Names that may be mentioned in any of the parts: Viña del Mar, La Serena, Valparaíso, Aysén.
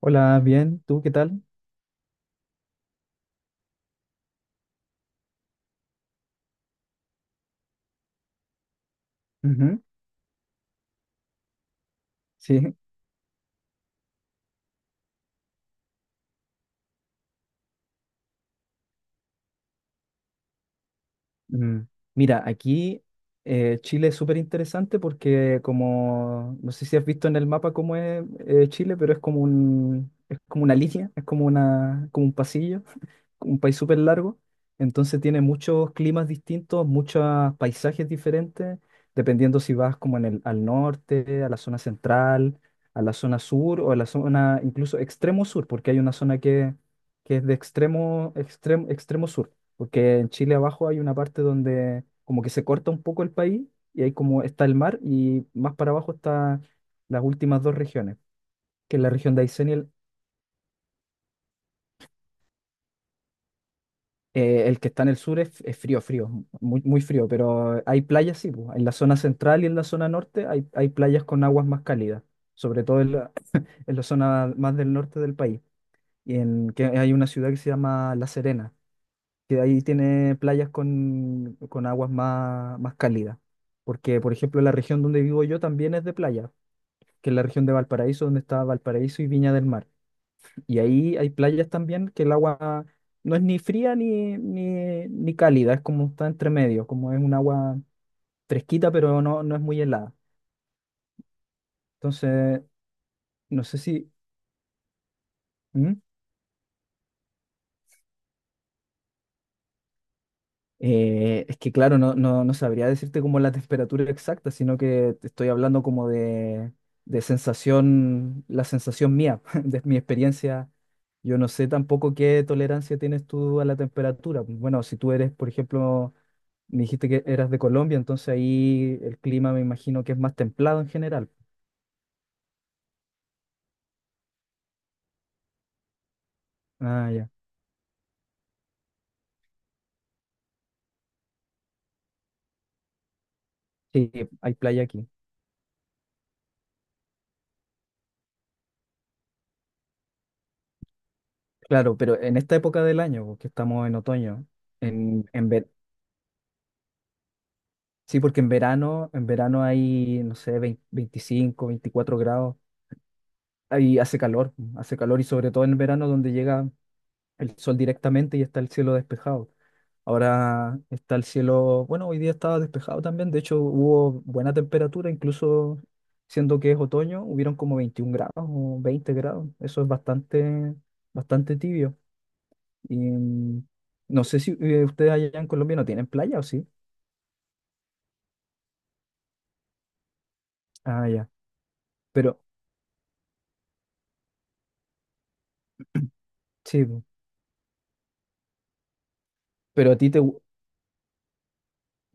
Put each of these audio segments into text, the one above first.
Hola, bien, ¿tú qué tal? Ujú. Sí. Mm, Mira, aquí Chile es súper interesante porque no sé si has visto en el mapa cómo es Chile, pero es como una línea, como un pasillo, un país súper largo. Entonces tiene muchos climas distintos, muchos paisajes diferentes, dependiendo si vas al norte, a la zona central, a la zona sur o a la zona incluso extremo sur, porque hay una que es de extremo extremo sur. Porque en Chile abajo hay una parte donde como que se corta un poco el país y ahí como está el mar y más para abajo están las últimas dos regiones, que es la región de Aysén el que está en el sur es frío, frío, muy frío, pero hay playas, sí, pues, en la zona central y en la zona norte hay playas con aguas más cálidas, sobre todo en en la zona más del norte del país. Y en que hay una ciudad que se llama La Serena que ahí tiene playas con aguas más cálidas. Porque, por ejemplo, la región donde vivo yo también es de playa, que es la región de Valparaíso, donde está Valparaíso y Viña del Mar. Y ahí hay playas también que el agua no es ni fría ni ni cálida, es como está entre medio, como es un agua fresquita, pero no, no es muy helada. Entonces, no sé si... ¿Mm? Es que claro, no, no sabría decirte como la temperatura exacta, sino que te estoy hablando como de sensación, la sensación mía, de mi experiencia. Yo no sé tampoco qué tolerancia tienes tú a la temperatura. Bueno, si tú eres, por ejemplo, me dijiste que eras de Colombia, entonces ahí el clima me imagino que es más templado en general. Ah, ya. Sí, hay playa aquí. Claro, pero en esta época del año, porque estamos en otoño, en, en, ve- Sí, porque en verano hay, no sé, 20 25, 24 grados. Ahí hace calor y sobre todo en verano donde llega el sol directamente y está el cielo despejado. Ahora está el cielo, bueno, hoy día estaba despejado también, de hecho hubo buena temperatura, incluso siendo que es otoño, hubieron como 21 grados o 20 grados, eso es bastante, bastante tibio. Y no sé si ustedes allá en Colombia no tienen playa o sí. Ah, ya, pero sí, po. Pero a ti te...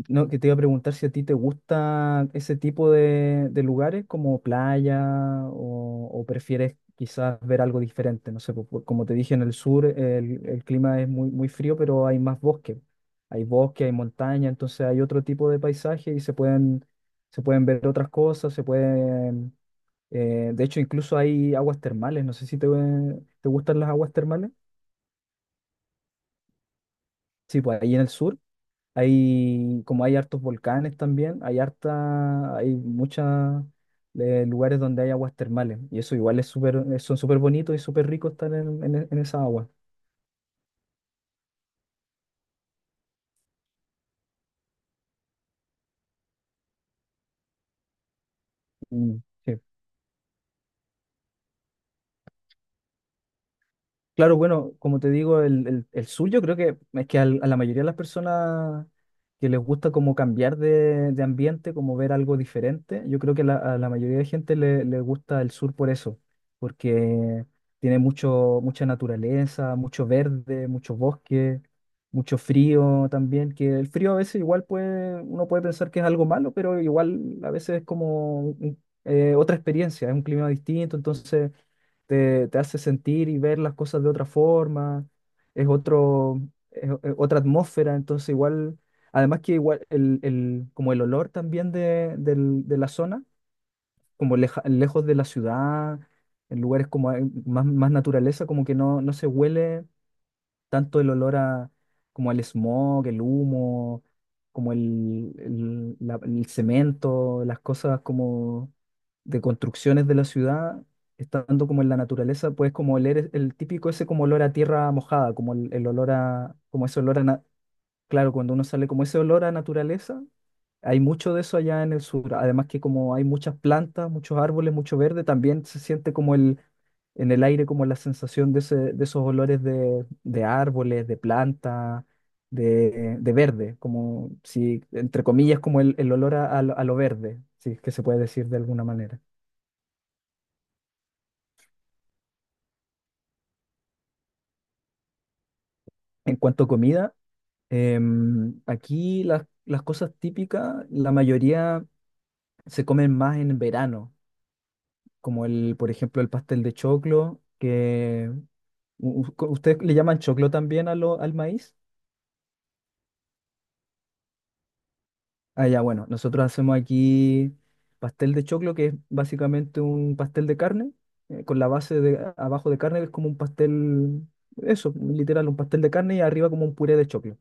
No, que te iba a preguntar si a ti te gusta ese tipo de lugares como playa o prefieres quizás ver algo diferente. No sé, po- po- como te dije, en el sur el clima es muy frío, pero hay más bosque. Hay bosque, hay montaña, entonces hay otro tipo de paisaje y se pueden ver otras cosas, se pueden... De hecho, incluso hay aguas termales. No sé si te, te gustan las aguas termales. Sí, pues ahí en el sur. Hay, como hay hartos volcanes también, hay harta, hay muchos lugares donde hay aguas termales. Y eso igual es súper, son súper bonitos y súper ricos estar en esa agua. Mm, sí. Claro, bueno, como te digo, el sur yo creo que es que al- a la mayoría de las personas que les gusta como cambiar de ambiente, como ver algo diferente, yo creo que la- a la mayoría de gente le, le gusta el sur por eso, porque tiene mucho, mucha naturaleza, mucho verde, muchos bosques, mucho frío también, que el frío a veces igual puede, uno puede pensar que es algo malo, pero igual a veces es como un- otra experiencia, es un clima distinto, entonces te hace sentir y ver las cosas de otra forma, es otro, es o- es otra atmósfera, entonces igual, además que igual como el olor también de la zona, como leja- lejos de la ciudad, en lugares como hay más, más naturaleza, como que no, no se huele tanto el olor a, como el smog, el humo, como el cemento, las cosas como de construcciones de la ciudad, estando como en la naturaleza, puedes como oler es- el típico ese como olor a tierra mojada, como el olor a, como ese olor a, na- claro, cuando uno sale como ese olor a naturaleza. Hay mucho de eso allá en el sur, además que como hay muchas plantas, muchos árboles, mucho verde, también se siente como el, en el aire como la sensación de, ese- de esos olores de árboles, de planta, de verde, como si, entre comillas, como el olor a, a lo verde, si es que se puede decir de alguna manera. En cuanto a comida, aquí las cosas típicas, la mayoría se comen más en verano, como el, por ejemplo, el pastel de choclo, que u- u- co- ¿ustedes le llaman choclo también a lo- al maíz? Ah, ya, bueno, nosotros hacemos aquí pastel de choclo, que es básicamente un pastel de carne, con la base de abajo de carne, que es como un pastel, eso, literal, un pastel de carne y arriba como un puré de choclo.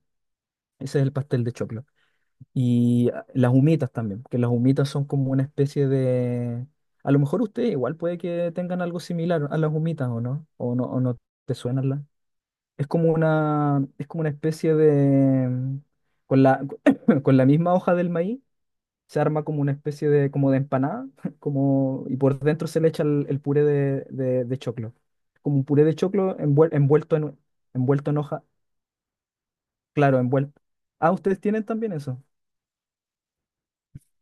Ese es el pastel de choclo. Y ah, las humitas también, que las humitas son como una especie de... A lo mejor ustedes igual puede que tengan algo similar a las humitas, ¿o no? ¿O no, o no te suenan las? Es como una especie de... Con la, con la misma hoja del maíz se arma como una especie de, como de empanada, como, y por dentro se le echa el puré de choclo. Como un puré de choclo envuel- envuelto en, envuelto en hoja, claro, envuelto. Ah, ¿ustedes tienen también eso?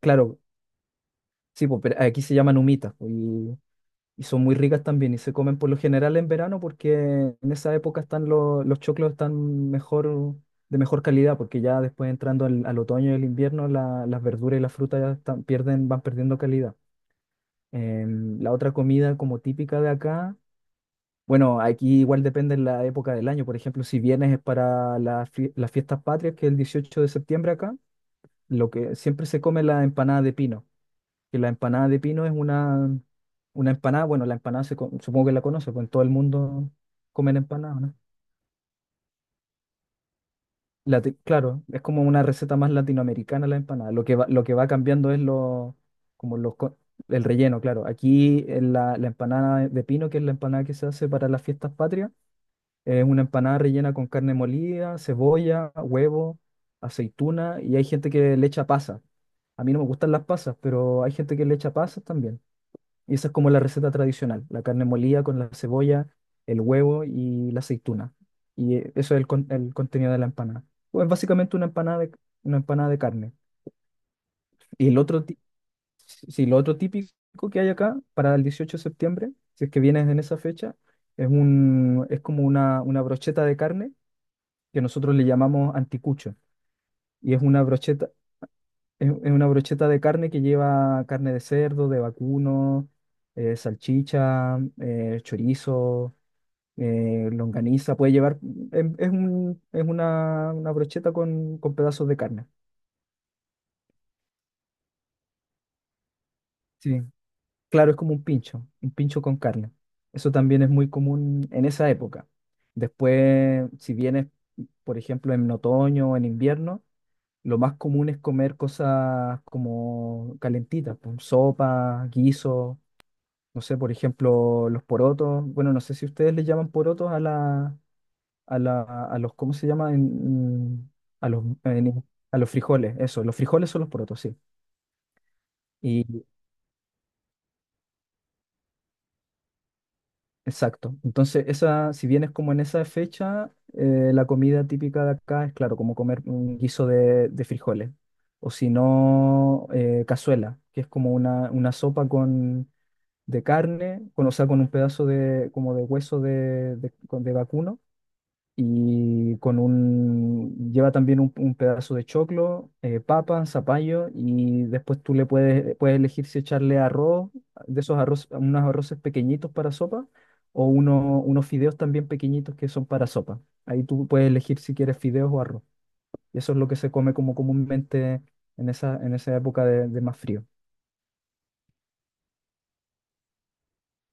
Claro, sí, po, pero aquí se llaman humitas po, y son muy ricas también y se comen por lo general en verano porque en esa época están los choclos están mejor, de mejor calidad porque ya después entrando al otoño y el invierno la- las verduras y las frutas ya están- pierden, van perdiendo calidad. La otra comida como típica de acá, bueno, aquí igual depende de la época del año. Por ejemplo, si vienes es para las fie- las fiestas patrias, que es el 18 de septiembre acá, lo que siempre se come es la empanada de pino. Que la empanada de pino es una empanada, bueno, la empanada se co- supongo que la conoces, pues en todo el mundo comen empanada. Lati- claro, es como una receta más latinoamericana la empanada. Lo que va cambiando es lo, como los, co- el relleno, claro. Aquí en la empanada de pino, que es la empanada que se hace para las fiestas patrias, es una empanada rellena con carne molida, cebolla, huevo, aceituna y hay gente que le echa pasas. A mí no me gustan las pasas, pero hay gente que le echa pasas también. Y esa es como la receta tradicional, la carne molida con la cebolla, el huevo y la aceituna. Y eso es el, con- el contenido de la empanada. Pues básicamente una empanada de carne. Y el otro, ti- sí, lo otro típico que hay acá para el 18 de septiembre, si es que vienes en esa fecha, es un, es como una brocheta de carne que nosotros le llamamos anticucho. Y es una brocheta de carne que lleva carne de cerdo, de vacuno, salchicha, chorizo, longaniza, puede llevar, em- es, un- es una brocheta con pedazos de carne. Sí, claro, es como un pincho con carne. Eso también es muy común en esa época. Después, si vienes, por ejemplo, en otoño o en invierno, lo más común es comer cosas como calentitas, pues, sopa, guiso, no sé, por ejemplo, los porotos. Bueno, no sé si ustedes le llaman porotos a la, a, la, a los, ¿cómo se llama? En- a los frijoles, eso, los frijoles son los porotos, sí. Y exacto. Entonces, esa, si vienes como en esa fecha, la comida típica de acá es, claro, como comer un guiso de frijoles. O si no, cazuela, que es como una sopa con, de carne, con, o sea, con un pedazo de, como de hueso de vacuno y con un, lleva también un pedazo de choclo, papa, zapallo, y después tú le puedes, puedes elegir si echarle arroz, de esos arroz, unos arroces pequeñitos para sopa, o uno- unos fideos también pequeñitos que son para sopa. Ahí tú puedes elegir si quieres fideos o arroz. Y eso es lo que se come como comúnmente en esa época de más frío.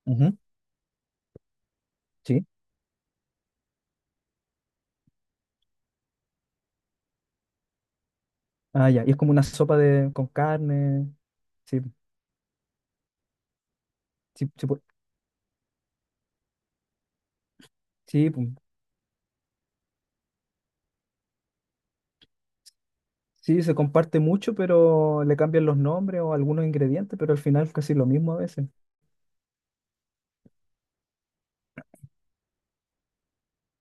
Ujú. Sí. Ah, ya. Y es como una sopa de, con carne. Sí, sí, sí, pu- sí, pu- Sí, se comparte mucho, pero le cambian los nombres o algunos ingredientes, pero al final es casi lo mismo a veces.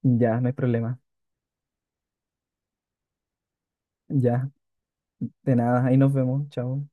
Ya, no hay problema. Ya, de nada, ahí nos vemos, chao.